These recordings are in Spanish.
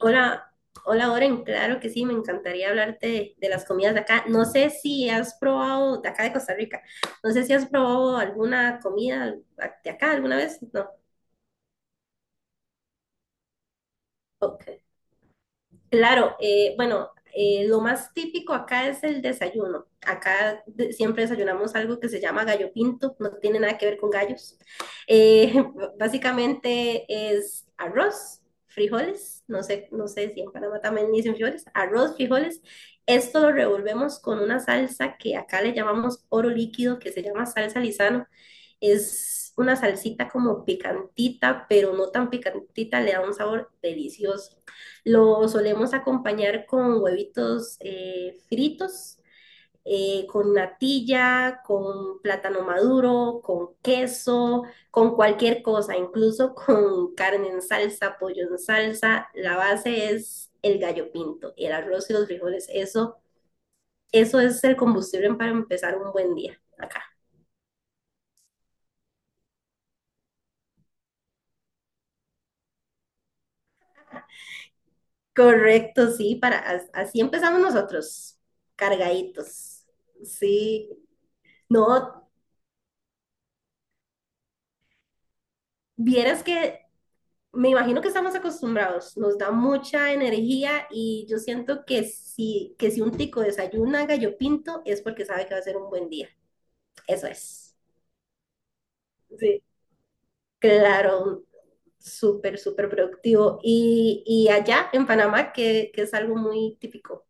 Hola, hola Oren, claro que sí, me encantaría hablarte de las comidas de acá. No sé si has probado, de acá de Costa Rica, no sé si has probado alguna comida de acá alguna vez. No, ok. Claro, bueno, lo más típico acá es el desayuno. Acá siempre desayunamos algo que se llama gallo pinto, no tiene nada que ver con gallos. Eh, básicamente es arroz, frijoles, no sé, no sé si en Panamá también dicen frijoles, arroz, frijoles. Esto lo revolvemos con una salsa que acá le llamamos oro líquido, que se llama salsa Lizano. Es una salsita como picantita, pero no tan picantita, le da un sabor delicioso. Lo solemos acompañar con huevitos fritos, con natilla, con plátano maduro, con queso, con cualquier cosa, incluso con carne en salsa, pollo en salsa. La base es el gallo pinto, el arroz y los frijoles. Eso es el combustible para empezar un buen día acá. Correcto, sí, para, así empezamos nosotros, cargaditos. Sí, no, vieras que me imagino que estamos acostumbrados, nos da mucha energía y yo siento que si un tico desayuna gallo pinto es porque sabe que va a ser un buen día. Eso es. Sí. Claro, súper, súper productivo. Y, allá en Panamá, que es algo muy típico.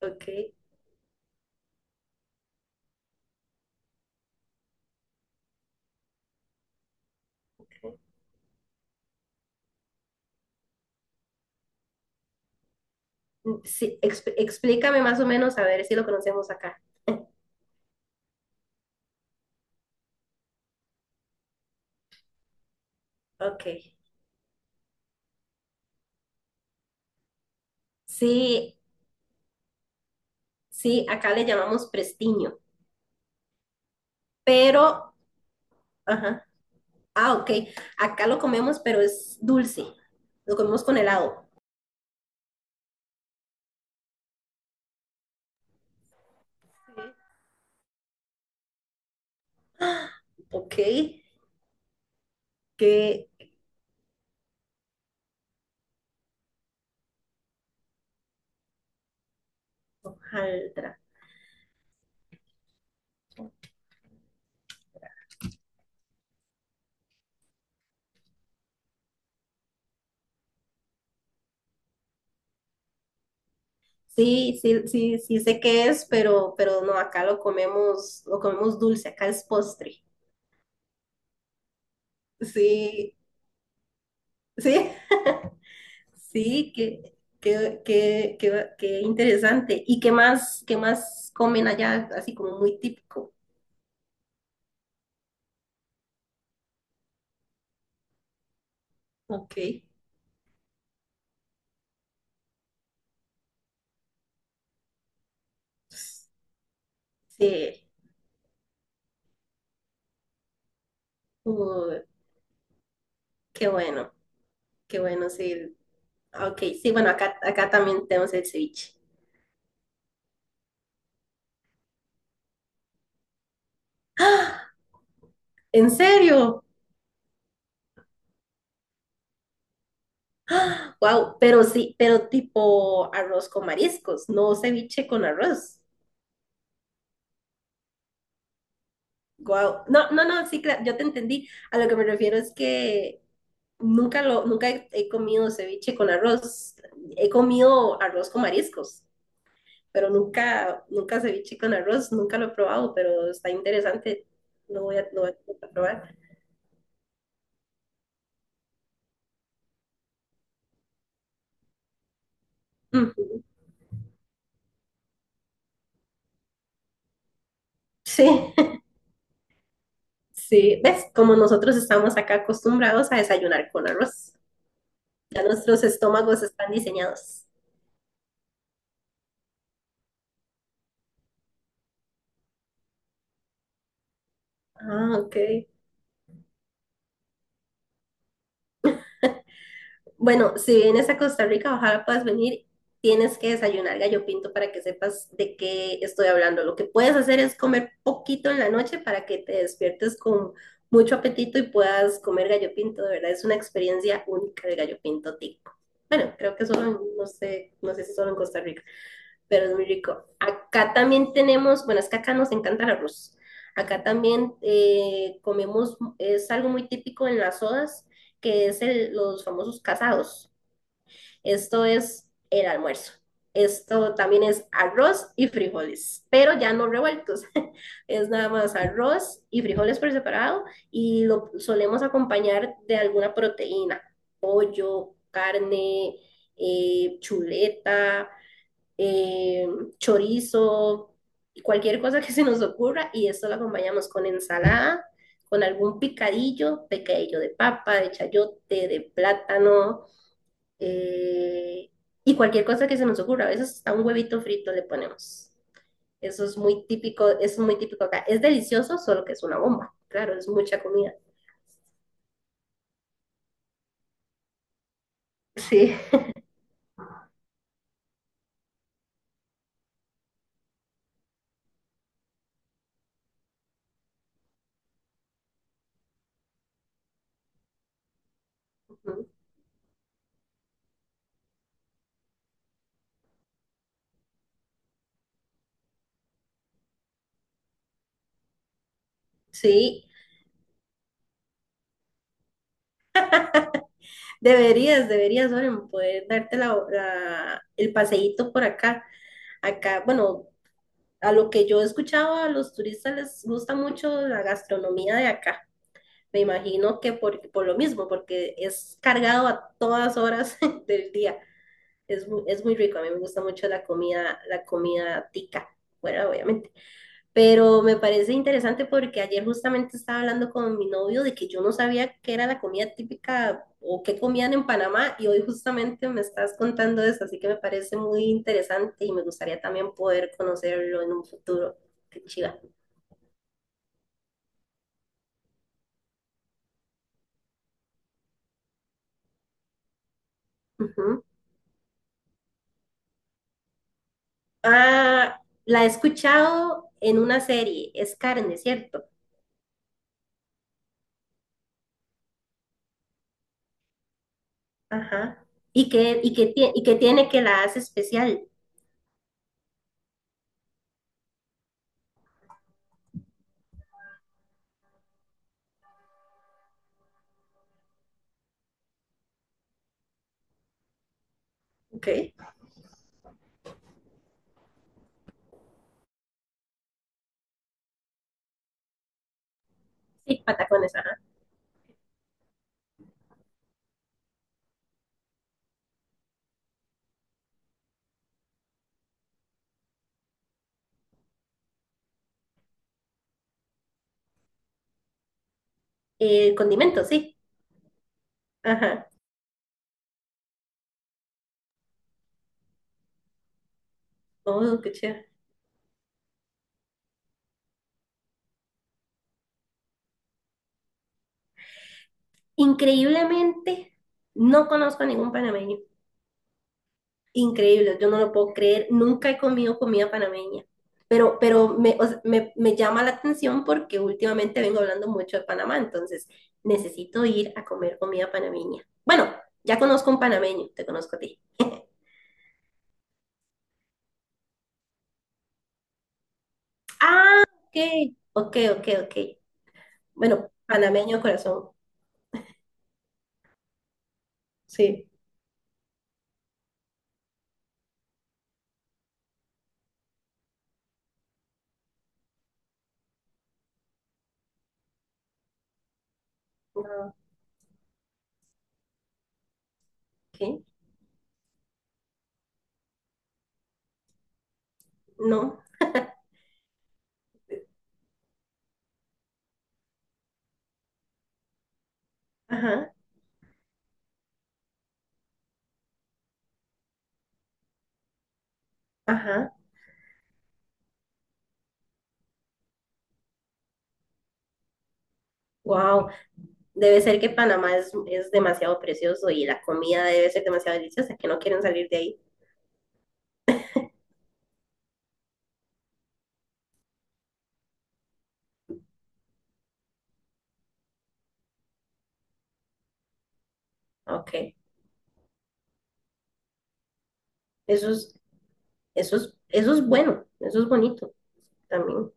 Ok. Sí, explícame más o menos a ver si lo conocemos acá. Ok. Sí, sí, acá le llamamos prestiño, pero, ajá. Ah, ok. Acá lo comemos, pero es dulce. Lo comemos con helado. Ok. ¿Qué? Hojaldra. Sí, sí, sí, sí sé qué es, pero no, acá lo comemos dulce, acá es postre. Sí, sí, sí, qué interesante. ¿Y qué más comen allá, así como muy típico? Ok. Sí, uh, qué bueno, qué bueno, sí. Ah, ok, sí, bueno, acá, acá también tenemos el ceviche. ¡Ah! ¿En serio? Wow, pero sí, pero tipo arroz con mariscos, no ceviche con arroz. Wow. No, no, no, sí, yo te entendí. A lo que me refiero es que nunca he, he comido ceviche con arroz. He comido arroz con mariscos, pero nunca, nunca ceviche con arroz, nunca lo he probado, pero está interesante. Lo voy a probar. Ujú. Sí. Sí, ¿ves? Como nosotros estamos acá acostumbrados a desayunar con arroz. Ya nuestros estómagos están diseñados. Ah, ok. Bueno, si vienes a Costa Rica, ojalá puedas venir. Tienes que desayunar gallo pinto para que sepas de qué estoy hablando. Lo que puedes hacer es comer poquito en la noche para que te despiertes con mucho apetito y puedas comer gallo pinto. De verdad, es una experiencia única el gallo pinto tico. Bueno, creo que solo, no sé, no sé si solo en Costa Rica, pero es muy rico. Acá también tenemos, bueno, es que acá nos encanta el arroz. Acá también comemos, es algo muy típico en las sodas, que es los famosos casados. Esto es el almuerzo. Esto también es arroz y frijoles, pero ya no revueltos. Es nada más arroz y frijoles por separado y lo solemos acompañar de alguna proteína, pollo, carne, chuleta, eh, chorizo, cualquier cosa que se nos ocurra y esto lo acompañamos con ensalada, con algún picadillo, picadillo de papa, de chayote, de plátano, eh, y cualquier cosa que se nos ocurra. A veces hasta un huevito frito le ponemos. Eso es muy típico acá. Es delicioso, solo que es una bomba. Claro, es mucha comida. Sí, ujú, sí. Deberías, deberías, Oren, poder darte el paseíto por acá. Acá, bueno, a lo que yo he escuchado, a los turistas les gusta mucho la gastronomía de acá. Me imagino que por lo mismo, porque es cargado a todas horas del día. Es muy rico, a mí me gusta mucho la comida tica, bueno, obviamente. Pero me parece interesante porque ayer justamente estaba hablando con mi novio de que yo no sabía qué era la comida típica o qué comían en Panamá y hoy justamente me estás contando eso, así que me parece muy interesante y me gustaría también poder conocerlo en un futuro. Qué chiva. Ujú. Ah, la he escuchado en una serie, es carne, ¿cierto? Ajá. ¿Y qué, y qué, y qué tiene que la hace especial? Ok. Sí, patacones, ajá. Condimentos, sí. Ajá. Oh, qué chiva. Increíblemente, no conozco a ningún panameño. Increíble, yo no lo puedo creer. Nunca he comido comida panameña. Pero me, o sea, me llama la atención porque últimamente vengo hablando mucho de Panamá, entonces necesito ir a comer comida panameña. Bueno, ya conozco un panameño, te conozco a ti. Ah, ok, ok, ok, ok. Bueno, panameño de corazón. Sí. No, ok, no, ajá, ajá. Wow, debe ser que Panamá es demasiado precioso y la comida debe ser demasiado deliciosa, que no quieren salir de ahí. Ok, eso es, eso es, eso es bueno, eso es bonito también.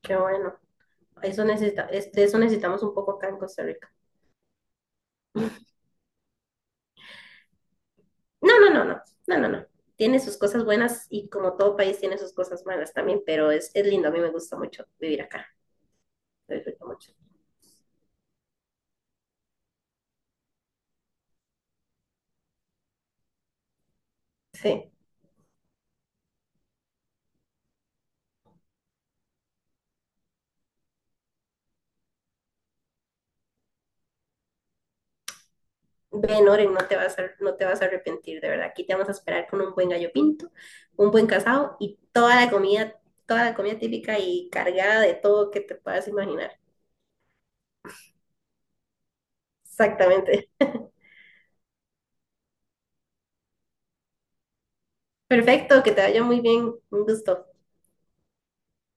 Qué bueno. Eso necesita, de eso necesitamos un poco acá en Costa Rica. No, no, no, no, no, no, no. Tiene sus cosas buenas y como todo país tiene sus cosas malas también, pero es lindo, a mí me gusta mucho vivir acá, lo disfruto mucho. Sí. Ven, Oren, no te vas a arrepentir, de verdad. Aquí te vamos a esperar con un buen gallo pinto, un buen casado y toda la comida típica y cargada de todo que te puedas imaginar. Exactamente. Perfecto, que te vaya muy bien. Un gusto.